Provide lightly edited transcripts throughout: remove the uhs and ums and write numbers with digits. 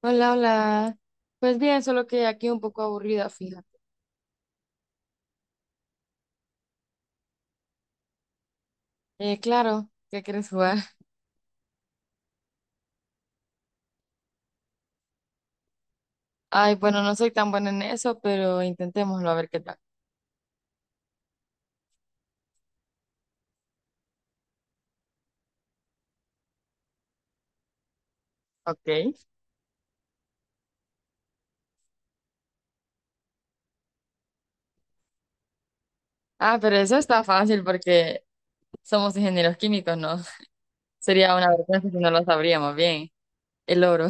Hola, hola. Pues bien, solo que aquí un poco aburrida, fíjate. Claro, ¿qué quieres jugar? Ay, bueno, no soy tan buena en eso, pero intentémoslo a ver qué tal. Ok. Ah, pero eso está fácil porque somos ingenieros químicos, ¿no? Sería una vergüenza si no lo sabríamos bien. El oro.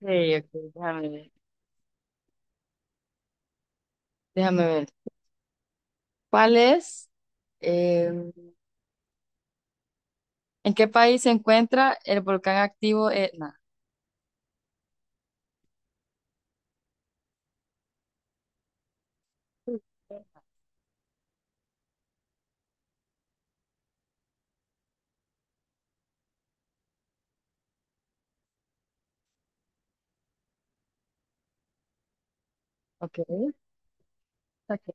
Sí, ok, déjame ver. Déjame ver. ¿Cuál es? eh, ¿En qué país se encuentra el volcán activo Etna? Ok. Ok.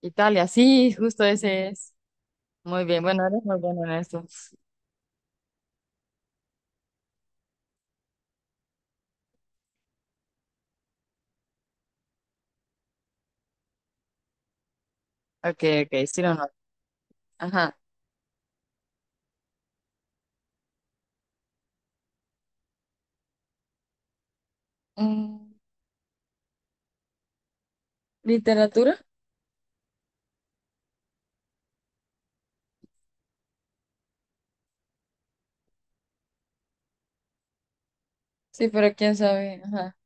Italia, sí, justo ese es. Muy bien, bueno, eres muy bueno en eso. Ok, ok, sí o no. Ajá. Mm, ¿Literatura? Sí, pero quién sabe. Ajá.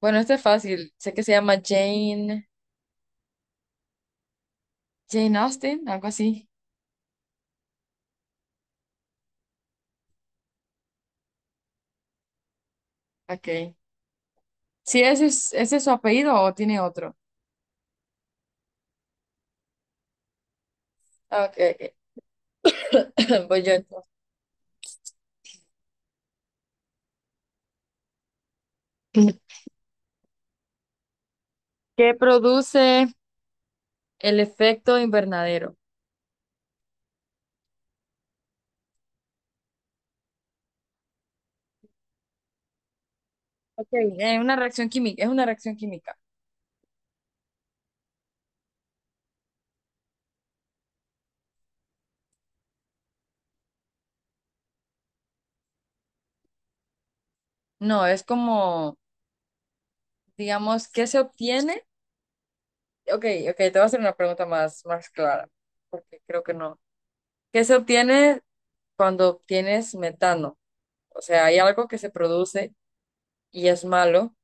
Bueno, este es fácil. Sé que se llama Jane, Jane Austen, algo así. Ok. Sí, ese es su apellido o tiene otro. Ah, ok, ok. Voy yo entonces. ¿Qué produce el efecto invernadero? Ok, es una reacción química, es una reacción química. No, es como, digamos, ¿qué se obtiene? Ok, ok, te voy a hacer una pregunta más, más clara, porque creo que no. ¿Qué se obtiene cuando obtienes metano? O sea, hay algo que se produce y es malo.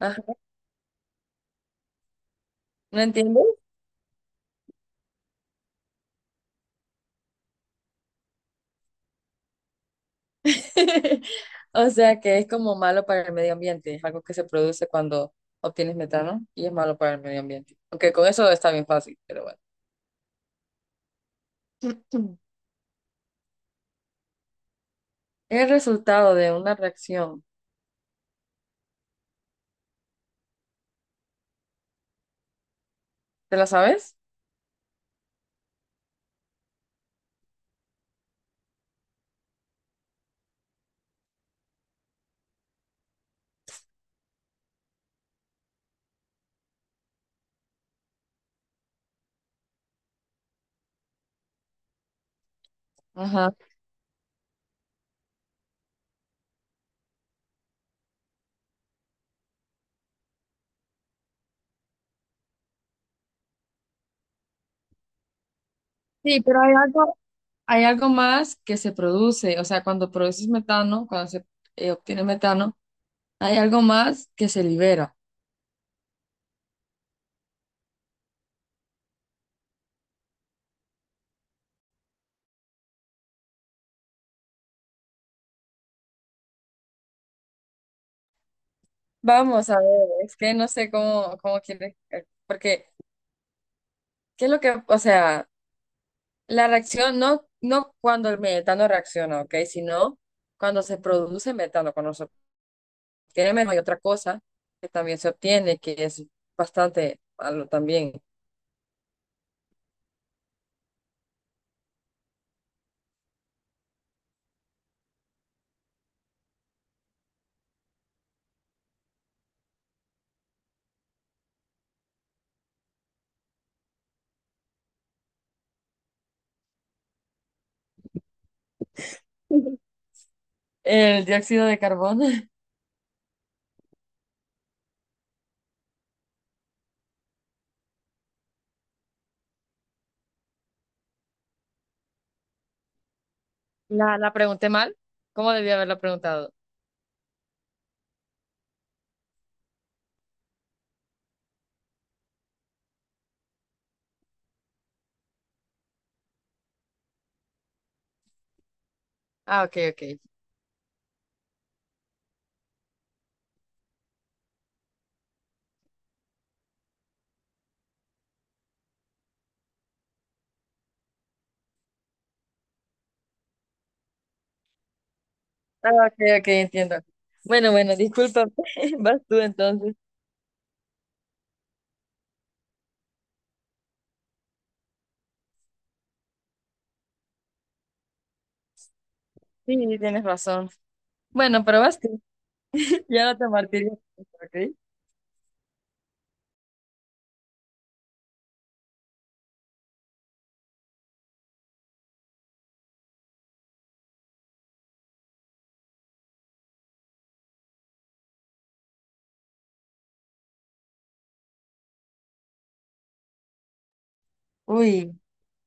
Ah, ¿no entiendes? O sea, que es como malo para el medio ambiente. Es algo que se produce cuando obtienes metano y es malo para el medio ambiente. Aunque con eso está bien fácil, pero bueno. Mm. El resultado de una reacción. ¿Te la sabes? Ajá. Sí, pero hay algo. Hay algo más que se produce, o sea, cuando produces metano, cuando se obtiene metano, hay algo más que se libera. Vamos a ver, es que no sé cómo quieres, porque, ¿qué es lo que, o sea, la reacción, no, no cuando el metano reacciona, ¿ok? Sino cuando se produce metano, cuando se obtiene metano, hay otra cosa que también se obtiene, que es bastante malo también. El dióxido de carbono. La pregunté mal. ¿Cómo debía haberla preguntado? Ah, ok, ok. Ah, ok, ok, entiendo. Bueno, bueno, disculpa, vas tú entonces. Sí, tienes razón. Bueno, pero vas tú. Ya no te martirio, ¿ok? Uy,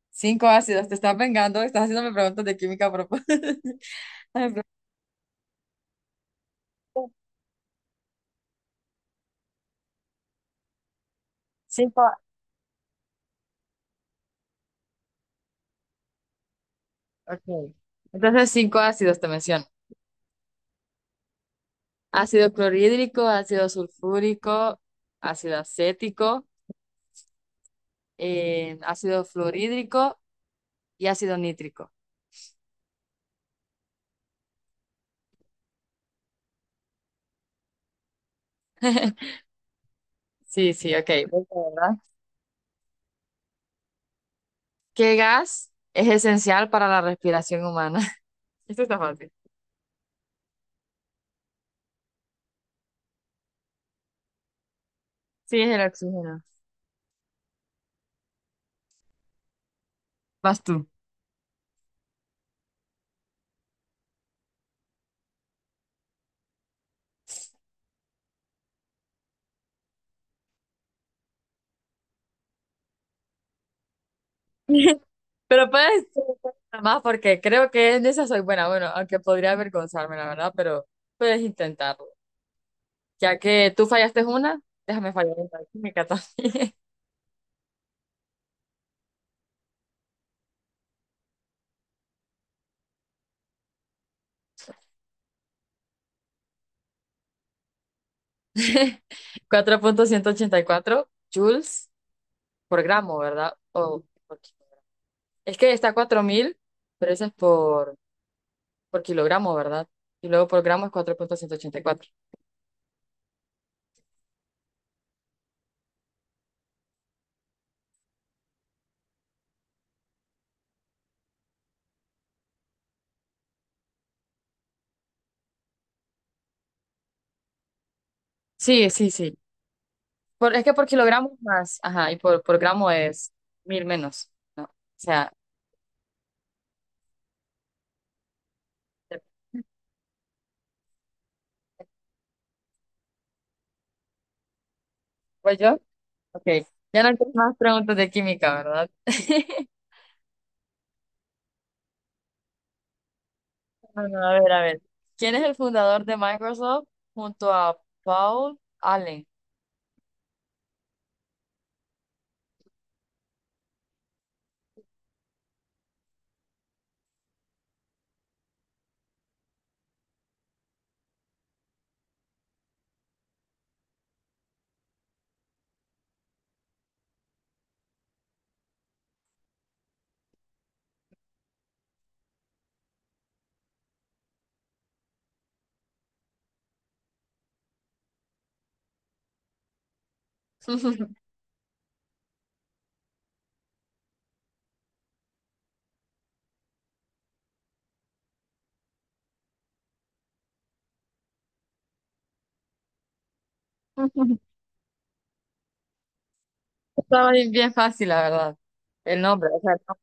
cinco ácidos, te estás vengando, estás haciéndome preguntas de química a propósito. Ay, pero- Cinco. Ok. Entonces, cinco ácidos te menciono. Ácido clorhídrico, ácido sulfúrico, ácido acético, ácido fluorhídrico y ácido nítrico. Sí, sí, ok. ¿Qué gas es esencial para la respiración humana? Esto está fácil. Sí, es el oxígeno. Vas tú. Pero puedes intentar más porque creo que en esa soy buena. Bueno, aunque podría avergonzarme, la verdad, pero puedes intentarlo. Ya que tú fallaste una, déjame fallar en la química también. 4,184 joules por gramo, ¿verdad? O por ki- es que está 4000, pero eso es por kilogramo, ¿verdad? Y luego por gramo es 4,184. Sí, sí, sí. Es que por kilogramos más, ajá, y por gramo es 1000 menos, ¿no? O sea, pues yo, ok. Ya no tengo más preguntas de química, ¿verdad? Bueno, a ver, a ver. ¿Quién es el fundador de Microsoft junto a Paul Allen? Estaba bien, bien fácil, la verdad. El nombre, o sea, el nombre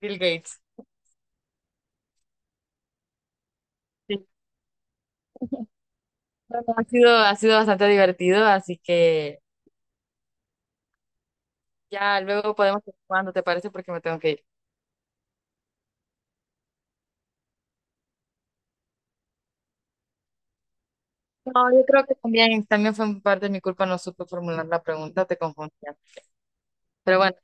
Bill Gates. Sí. Bueno, ha sido bastante divertido, así que ya luego podemos ir jugando, ¿te parece? Porque me tengo que ir. No, yo creo que también, también fue parte de mi culpa, no supe formular la pregunta, te confundía. Pero bueno,